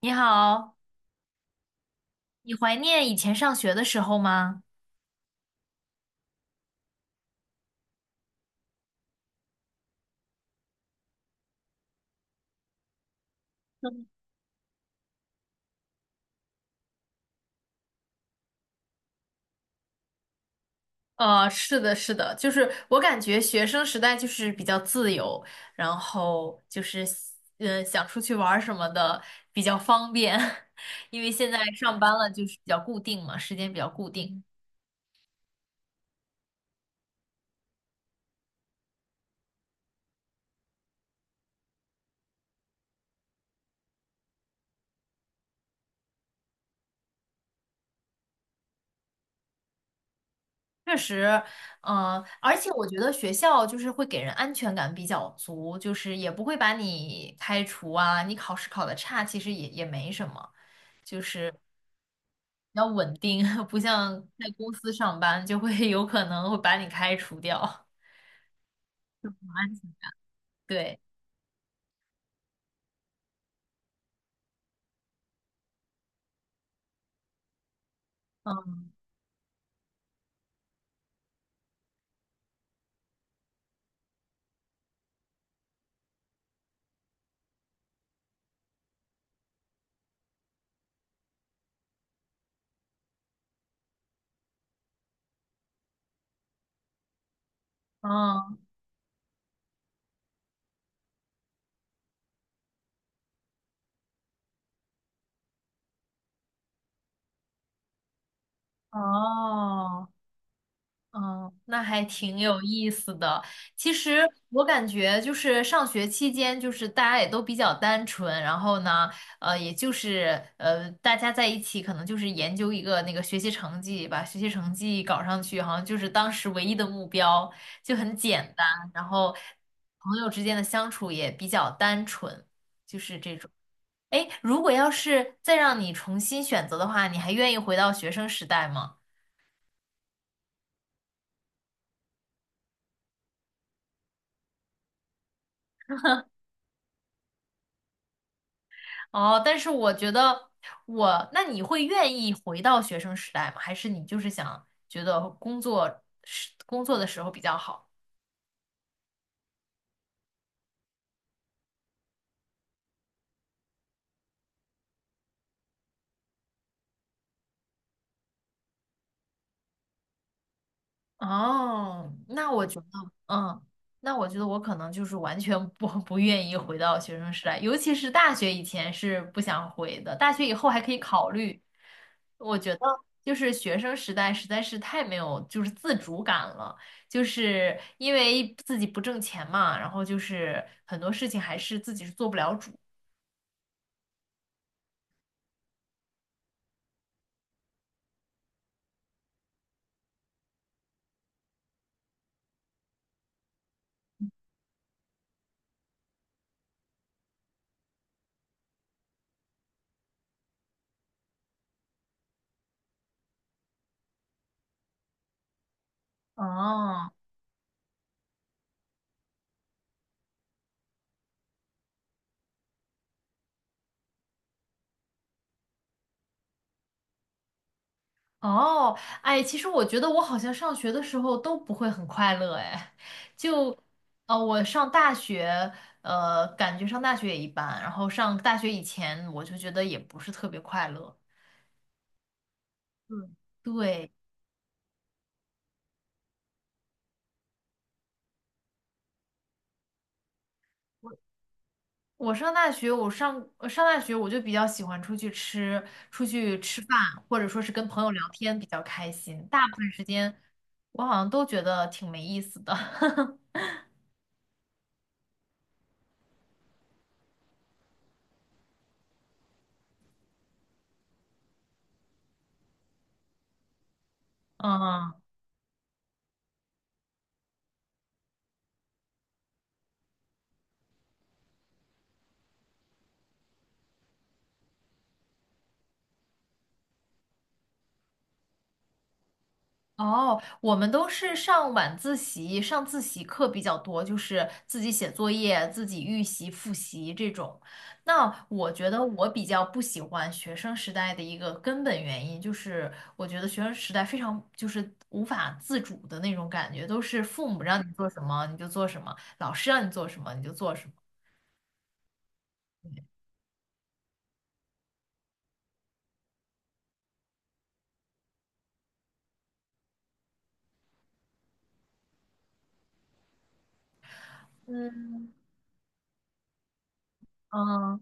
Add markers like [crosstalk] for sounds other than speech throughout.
你好，你怀念以前上学的时候吗？是的，是的，就是我感觉学生时代就是比较自由，然后就是想出去玩儿什么的比较方便，[laughs] 因为现在上班了就是比较固定嘛，时间比较固定。确实，嗯，而且我觉得学校就是会给人安全感比较足，就是也不会把你开除啊，你考试考得差其实也没什么，就是。比较稳定，[laughs] 不像在公司上班就会 [laughs] 有可能会把你开除掉。[laughs] 对，嗯嗯哦，嗯，那还挺有意思的。其实我感觉就是上学期间，就是大家也都比较单纯，然后呢，也就是大家在一起可能就是研究一个那个学习成绩，把学习成绩搞上去，好像就是当时唯一的目标，就很简单。然后朋友之间的相处也比较单纯。哎，如果要是再让你重新选择的话，你还愿意回到学生时代吗？哦，但是我觉得我，那你会愿意回到学生时代吗？还是你就是想觉得工作时工作的时候比较好？哦，那我觉得，嗯，那我觉得我可能就是完全不 [laughs] 不愿意回到学生时代，尤其是大学以前是不想回的，大学以后还可以考虑，我觉得就是学生时代实在是太没有就是自主感了，就是因为自己不挣钱嘛，然后就是很多事情还是自己是做不了主。哦哦，哎，其实我觉得我好像上学的时候都不会很快乐，哎，就我上大学，呃，感觉上大学也一般，然后上大学以前我就觉得也不是特别快乐。嗯，对。我上大学，我上大学我就比较喜欢出去吃，出去吃饭，或者说是跟朋友聊天比较开心。大部分时间我好像都觉得挺没意思的。[laughs] 嗯哦，我们都是上晚自习，上自习课比较多，就是自己写作业、自己预习、复习这种。那我觉得我比较不喜欢学生时代的一个根本原因，就是我觉得学生时代非常就是无法自主的那种感觉，都是父母让你做什么你就做什么，老师让你做什么你就做什么。嗯，嗯。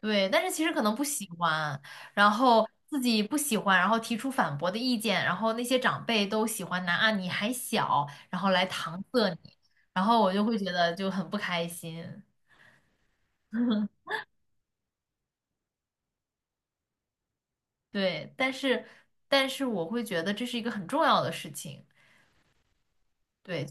对，但是其实可能不喜欢，然后自己不喜欢，然后提出反驳的意见，然后那些长辈都喜欢拿啊你还小，然后来搪塞你，然后我就会觉得就很不开心。对，但是我会觉得这是一个很重要的事情。对，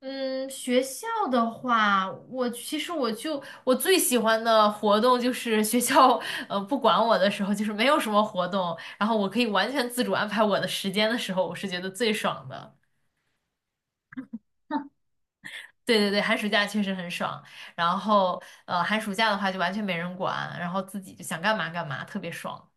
嗯，学校的话，我其实我就我最喜欢的活动就是学校，呃，不管我的时候，就是没有什么活动，然后我可以完全自主安排我的时间的时候，我是觉得最爽的。对对对，寒暑假确实很爽。然后，呃，寒暑假的话就完全没人管，然后自己就想干嘛干嘛，特别爽。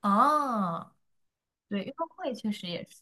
啊，对，运动会确实也是。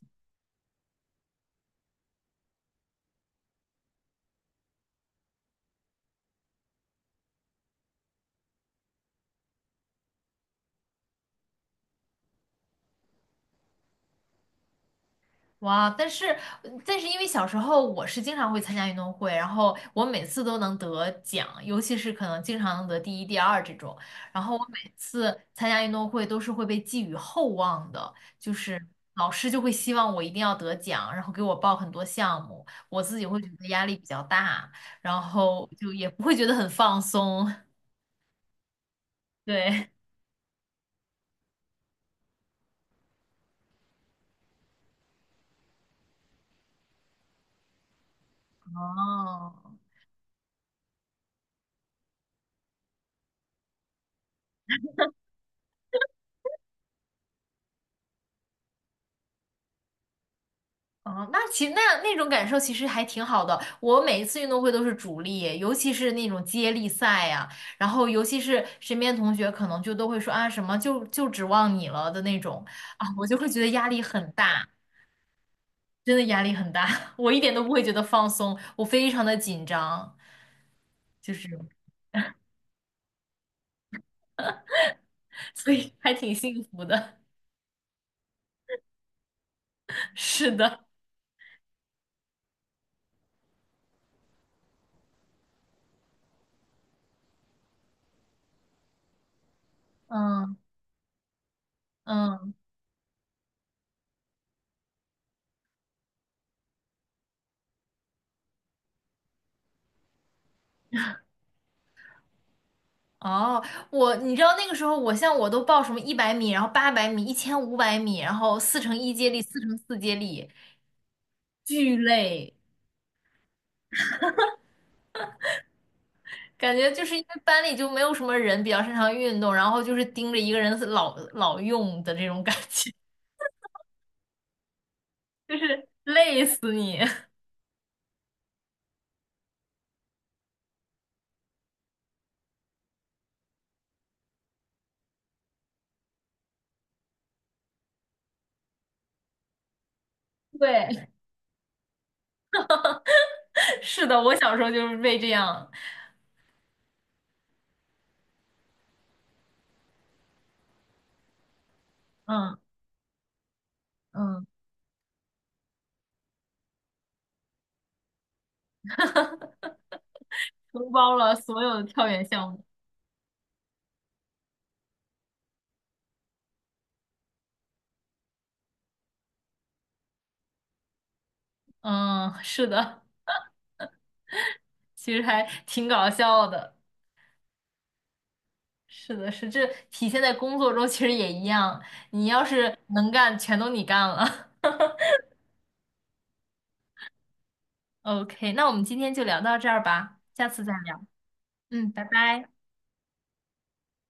哇！但是，但是因为小时候我是经常会参加运动会，然后我每次都能得奖，尤其是可能经常能得第一、第二这种。然后我每次参加运动会都是会被寄予厚望的，就是老师就会希望我一定要得奖，然后给我报很多项目，我自己会觉得压力比较大，然后就也不会觉得很放松。[laughs] 对，哦，哦，那其实那种感受其实还挺好的。我每一次运动会都是主力，尤其是那种接力赛呀、然后尤其是身边同学可能就都会说啊什么就指望你了的那种啊，我就会觉得压力很大，真的压力很大，[laughs] 我一点都不会觉得放松，我非常的紧张，就是 [laughs] 所以还挺幸福的。[laughs] 是的，嗯嗯。哦，我你知道那个时候，我像我都报什么100米，然后800米、1500米，然后4乘1接力、4乘4接力，巨累。感觉就是因为班里就没有什么人比较擅长运动，然后就是盯着一个人老用的这种感觉，[laughs] 就是累死你。[laughs] 对，[laughs] 是的，我小时候就是被这样，嗯嗯，承包了所有的跳远项目。嗯，是的，其实还挺搞笑的。是的，是这体现在工作中，其实也一样。你要是能干，全都你干了。[laughs] OK，那我们今天就聊到这儿吧，下次再聊。嗯，拜拜。